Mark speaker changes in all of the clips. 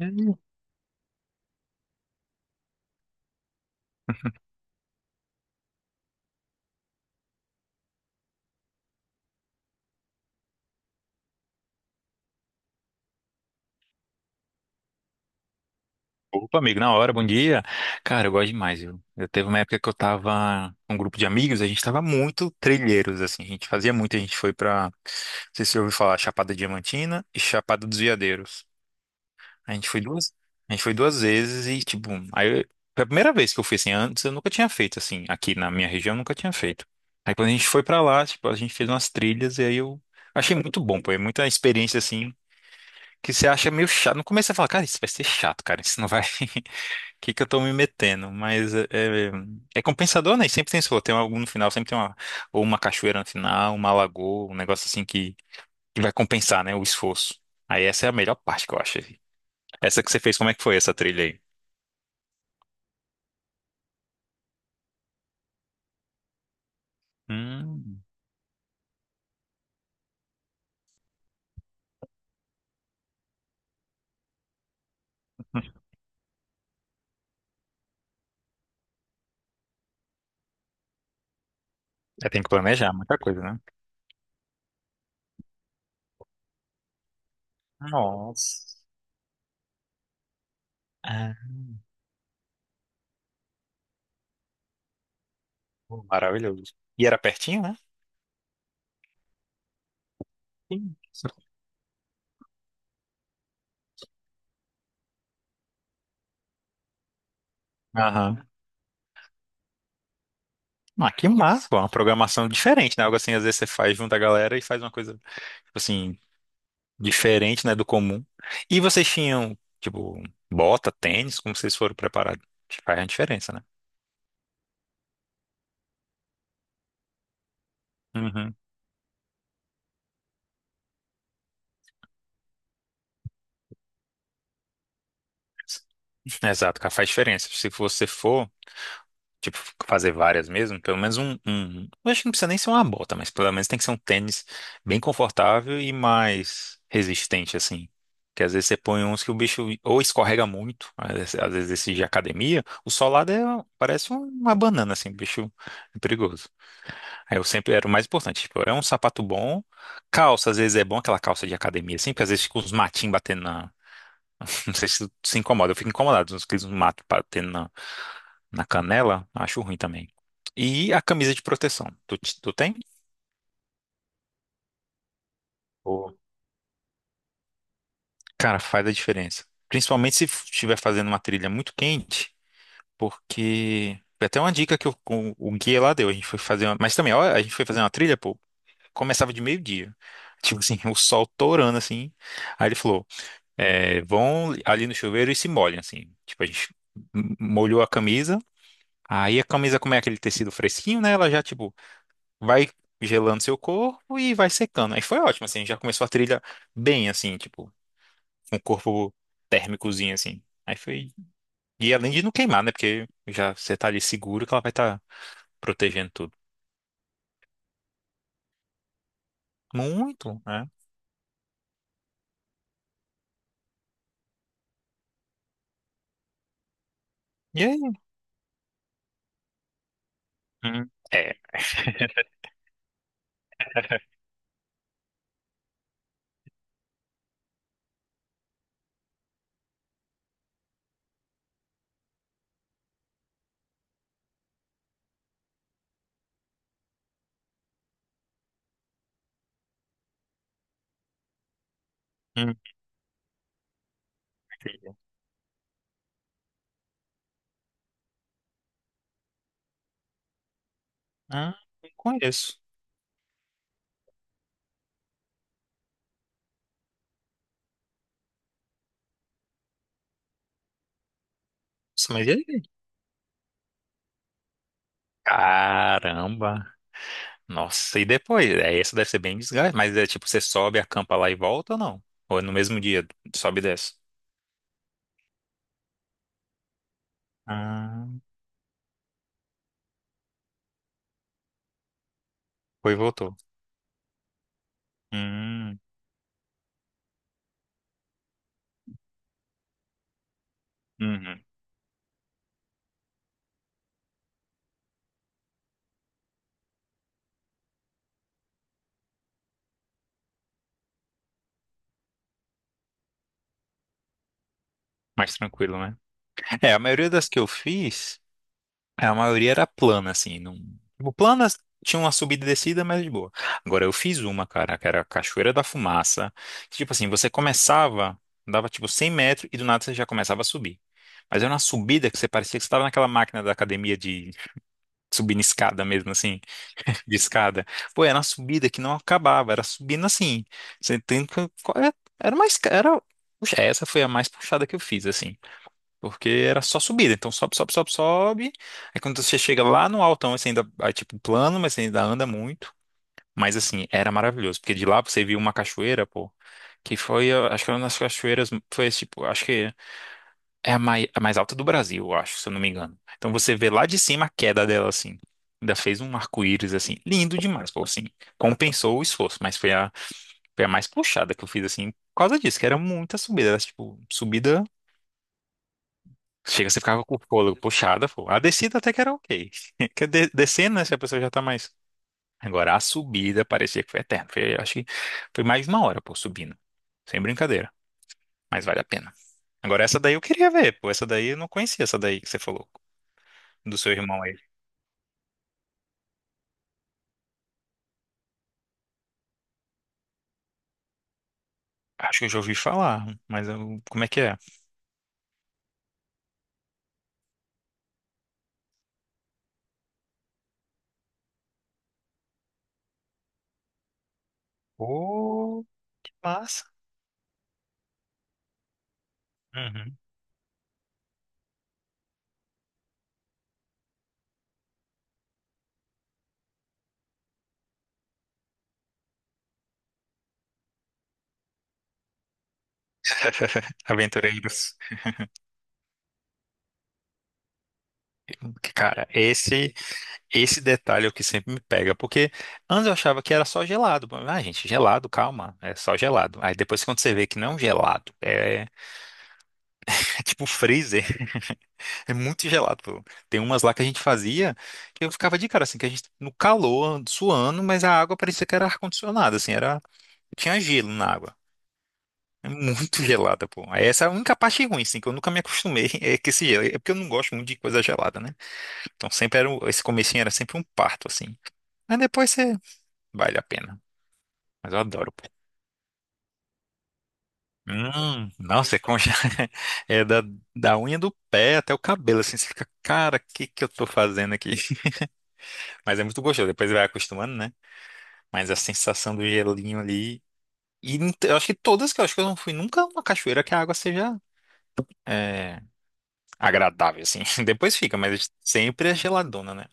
Speaker 1: Hum. Opa, amigo, na hora, bom dia. Cara, eu gosto demais, viu? Eu teve uma época que eu tava com um grupo de amigos, a gente tava muito trilheiros, assim, a gente fazia muito, a gente foi pra, não sei se você ouviu falar, Chapada Diamantina e Chapada dos Veadeiros. A gente foi duas, a gente foi duas vezes e, tipo, foi a primeira vez que eu fui, assim, antes eu nunca tinha feito, assim, aqui na minha região eu nunca tinha feito. Aí quando a gente foi pra lá, tipo, a gente fez umas trilhas e aí eu achei muito bom, pô, é muita experiência, assim, que você acha meio chato. No começo você fala, cara, isso vai ser chato, cara, isso não vai. Que eu tô me metendo? Mas é compensador, né? E sempre tem, sei lá, tem algo no final, sempre tem ou uma cachoeira no final, uma lagoa, um negócio assim que vai compensar, né? O esforço. Aí essa é a melhor parte que eu acho, assim. Essa que você fez, como é que foi essa trilha aí? Hum. É, tem que planejar muita coisa, né? Nossa. Ah, pô, maravilhoso. E era pertinho, né? Sim. Aham. Ah, que massa, pô, uma programação diferente, né? Algo assim, às vezes você faz junto a galera e faz uma coisa, tipo assim, diferente, né, do comum. E vocês tinham, tipo, bota, tênis, como vocês foram preparados? Que faz a diferença, né? Uhum. Exato, cara, faz diferença. Se você for, tipo, fazer várias mesmo, pelo menos um. Eu acho que não precisa nem ser uma bota, mas pelo menos tem que ser um tênis bem confortável e mais resistente, assim. Porque às vezes você põe uns que o bicho ou escorrega muito, às vezes esse de academia, o solado é, parece uma banana, assim, o bicho é perigoso. Aí eu sempre era o mais importante. Tipo, é um sapato bom, calça, às vezes é bom aquela calça de academia, assim, porque às vezes fica uns matinhos batendo na. Não sei se tu se incomoda, eu fico incomodado com aqueles matos batendo na canela, acho ruim também. E a camisa de proteção, tu tem? Ou- Cara, faz a diferença. Principalmente se estiver fazendo uma trilha muito quente, porque. Foi até uma dica que o guia lá deu, a gente foi fazer uma. Mas também, ó, a gente foi fazer uma trilha, pô, começava de meio-dia. Tipo assim, o sol torando assim. Aí ele falou. É, vão ali no chuveiro e se molham, assim. Tipo, a gente molhou a camisa, aí a camisa, como é aquele tecido fresquinho, né? Ela já, tipo, vai gelando seu corpo e vai secando. Aí foi ótimo, assim, já começou a trilha bem, assim, tipo, com o corpo térmicozinho, assim. Aí foi. E além de não queimar, né? Porque já você tá ali seguro que ela vai estar protegendo tudo. Muito, né? E aí? É. Hum, entendi. Ah, não conheço. Nossa, mas e aí? Caramba! Nossa, e depois? É, essa deve ser bem desgaste, mas é tipo, você sobe, acampa lá e volta ou não? Ou é no mesmo dia, sobe e desce? Ah, foi e voltou. Hum, uhum. Mais tranquilo, né? É, a maioria das que eu fiz, a maioria era plana, assim. Não. Tipo, planas tinha uma subida e descida, mas de boa. Agora, eu fiz uma, cara, que era a Cachoeira da Fumaça. Que, tipo assim, você começava, dava tipo 100 metros e do nada você já começava a subir. Mas era uma subida que você parecia que você estava naquela máquina da academia de subindo escada mesmo, assim, de escada. Pô, era uma subida que não acabava, era subindo assim. Você tem que. Era mais. Era, puxa, essa foi a mais puxada que eu fiz, assim. Porque era só subida. Então sobe, sobe, sobe, sobe. Aí quando você chega lá no altão, você ainda. Aí, tipo, plano, mas você ainda anda muito. Mas assim, era maravilhoso. Porque de lá você viu uma cachoeira, pô. Que foi, eu acho que uma das cachoeiras. Foi tipo, acho que. É a mais alta do Brasil, eu acho, se eu não me engano. Então você vê lá de cima a queda dela, assim. Ainda fez um arco-íris, assim, lindo demais, pô, assim. Compensou o esforço, mas foi a mais puxada que eu fiz, assim, por causa disso, que era muita subida, era, tipo, subida. Chega, você ficava com o fôlego puxada, pô. A descida até que era ok. Descendo, né, se a pessoa já tá mais. Agora, a subida parecia que foi eterna. Foi, acho que foi mais de uma hora, pô, subindo. Sem brincadeira, mas vale a pena. Agora, essa daí eu queria ver, pô. Essa daí eu não conhecia, essa daí que você falou, do seu irmão aí. Acho que eu já ouvi falar, como é que é? Ô, que massa. Uhum. Aventureiros. Cara, esse detalhe é o que sempre me pega, porque antes eu achava que era só gelado. Ah, gente, gelado, calma, é só gelado. Aí depois quando você vê que não é um gelado, é tipo um freezer, é muito gelado, pô. Tem umas lá que a gente fazia que eu ficava de cara assim, que a gente no calor, suando, mas a água parecia que era ar-condicionado, assim, era tinha gelo na água. É muito gelada, pô. Essa é a única parte ruim, assim, que eu nunca me acostumei. É que esse gelo. É porque eu não gosto muito de coisa gelada, né? Então sempre era. Esse comecinho era sempre um parto, assim. Mas depois você. Vale a pena. Mas eu adoro, pô. Nossa, é da unha do pé até o cabelo, assim, você fica, cara, o que que eu tô fazendo aqui? Mas é muito gostoso, depois vai acostumando, né? Mas a sensação do gelinho ali, e não te- eu acho que todas que eu acho que eu não fui nunca a uma cachoeira que a água seja é, agradável, assim. Depois fica, mas sempre é geladona, né?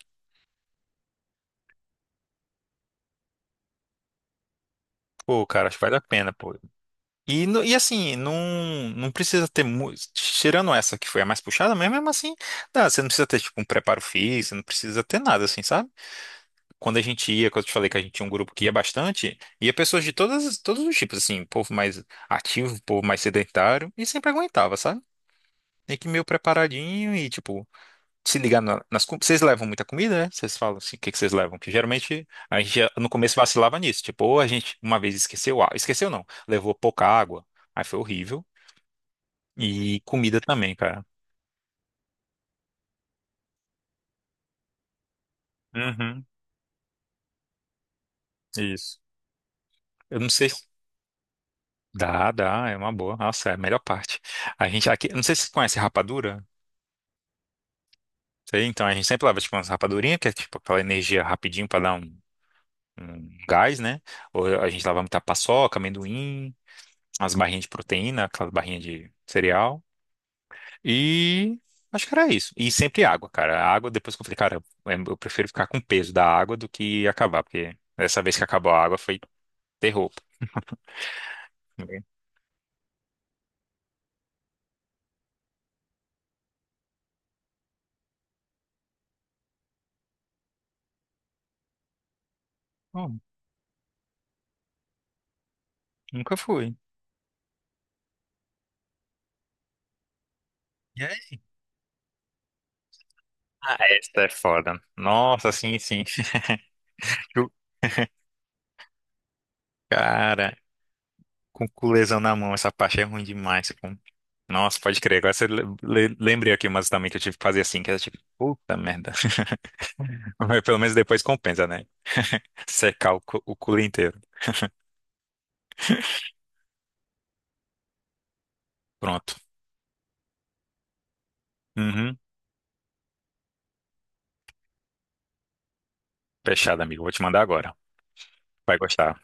Speaker 1: Pô, cara, acho que vale a pena, pô. E assim, não precisa ter muito. Tirando essa que foi a mais puxada, mas mesmo assim, dá, você não precisa ter, tipo, um preparo físico, não precisa ter nada, assim, sabe? Quando a gente ia, quando eu te falei que a gente tinha um grupo que ia bastante, ia pessoas de todos os tipos, assim, povo mais ativo, povo mais sedentário, e sempre aguentava, sabe? Tem que ir meio preparadinho e, tipo. Se ligar nas comidas. Vocês levam muita comida, né? Vocês falam assim, o que que vocês levam? Porque geralmente a gente já, no começo vacilava nisso. Tipo, ou a gente uma vez esqueceu, esqueceu não, levou pouca água, aí foi horrível. E comida também, cara. Uhum, isso. Eu não sei. Dá, dá, é uma boa. Nossa, é a melhor parte. A gente aqui, eu não sei se você conhece rapadura. Sei, então a gente sempre leva tipo umas rapadurinhas, que é tipo aquela energia rapidinho pra dar um gás, né? Ou a gente leva muita paçoca, amendoim, umas barrinhas de proteína, aquelas barrinhas de cereal. E acho que era isso. E sempre água, cara. A água, depois que eu falei, cara, eu prefiro ficar com o peso da água do que acabar, porque dessa vez que acabou a água foi terror. Bom, nunca fui. E aí? Ah, essa é foda. Nossa, sim, sim. O Cara, com o culesão na mão, essa parte é ruim demais, pô. Nossa, pode crer. Agora você lembrei aqui umas também que eu tive que fazer assim, que era tipo, puta merda. Mas pelo menos depois compensa, né? Secar o culo inteiro. Pronto. Uhum. Fechado, amigo. Vou te mandar agora. Vai gostar.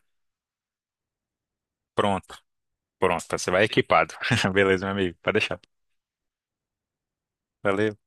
Speaker 1: Pronto, pronto. Você vai equipado. Beleza, meu amigo. Pode deixar. Valeu.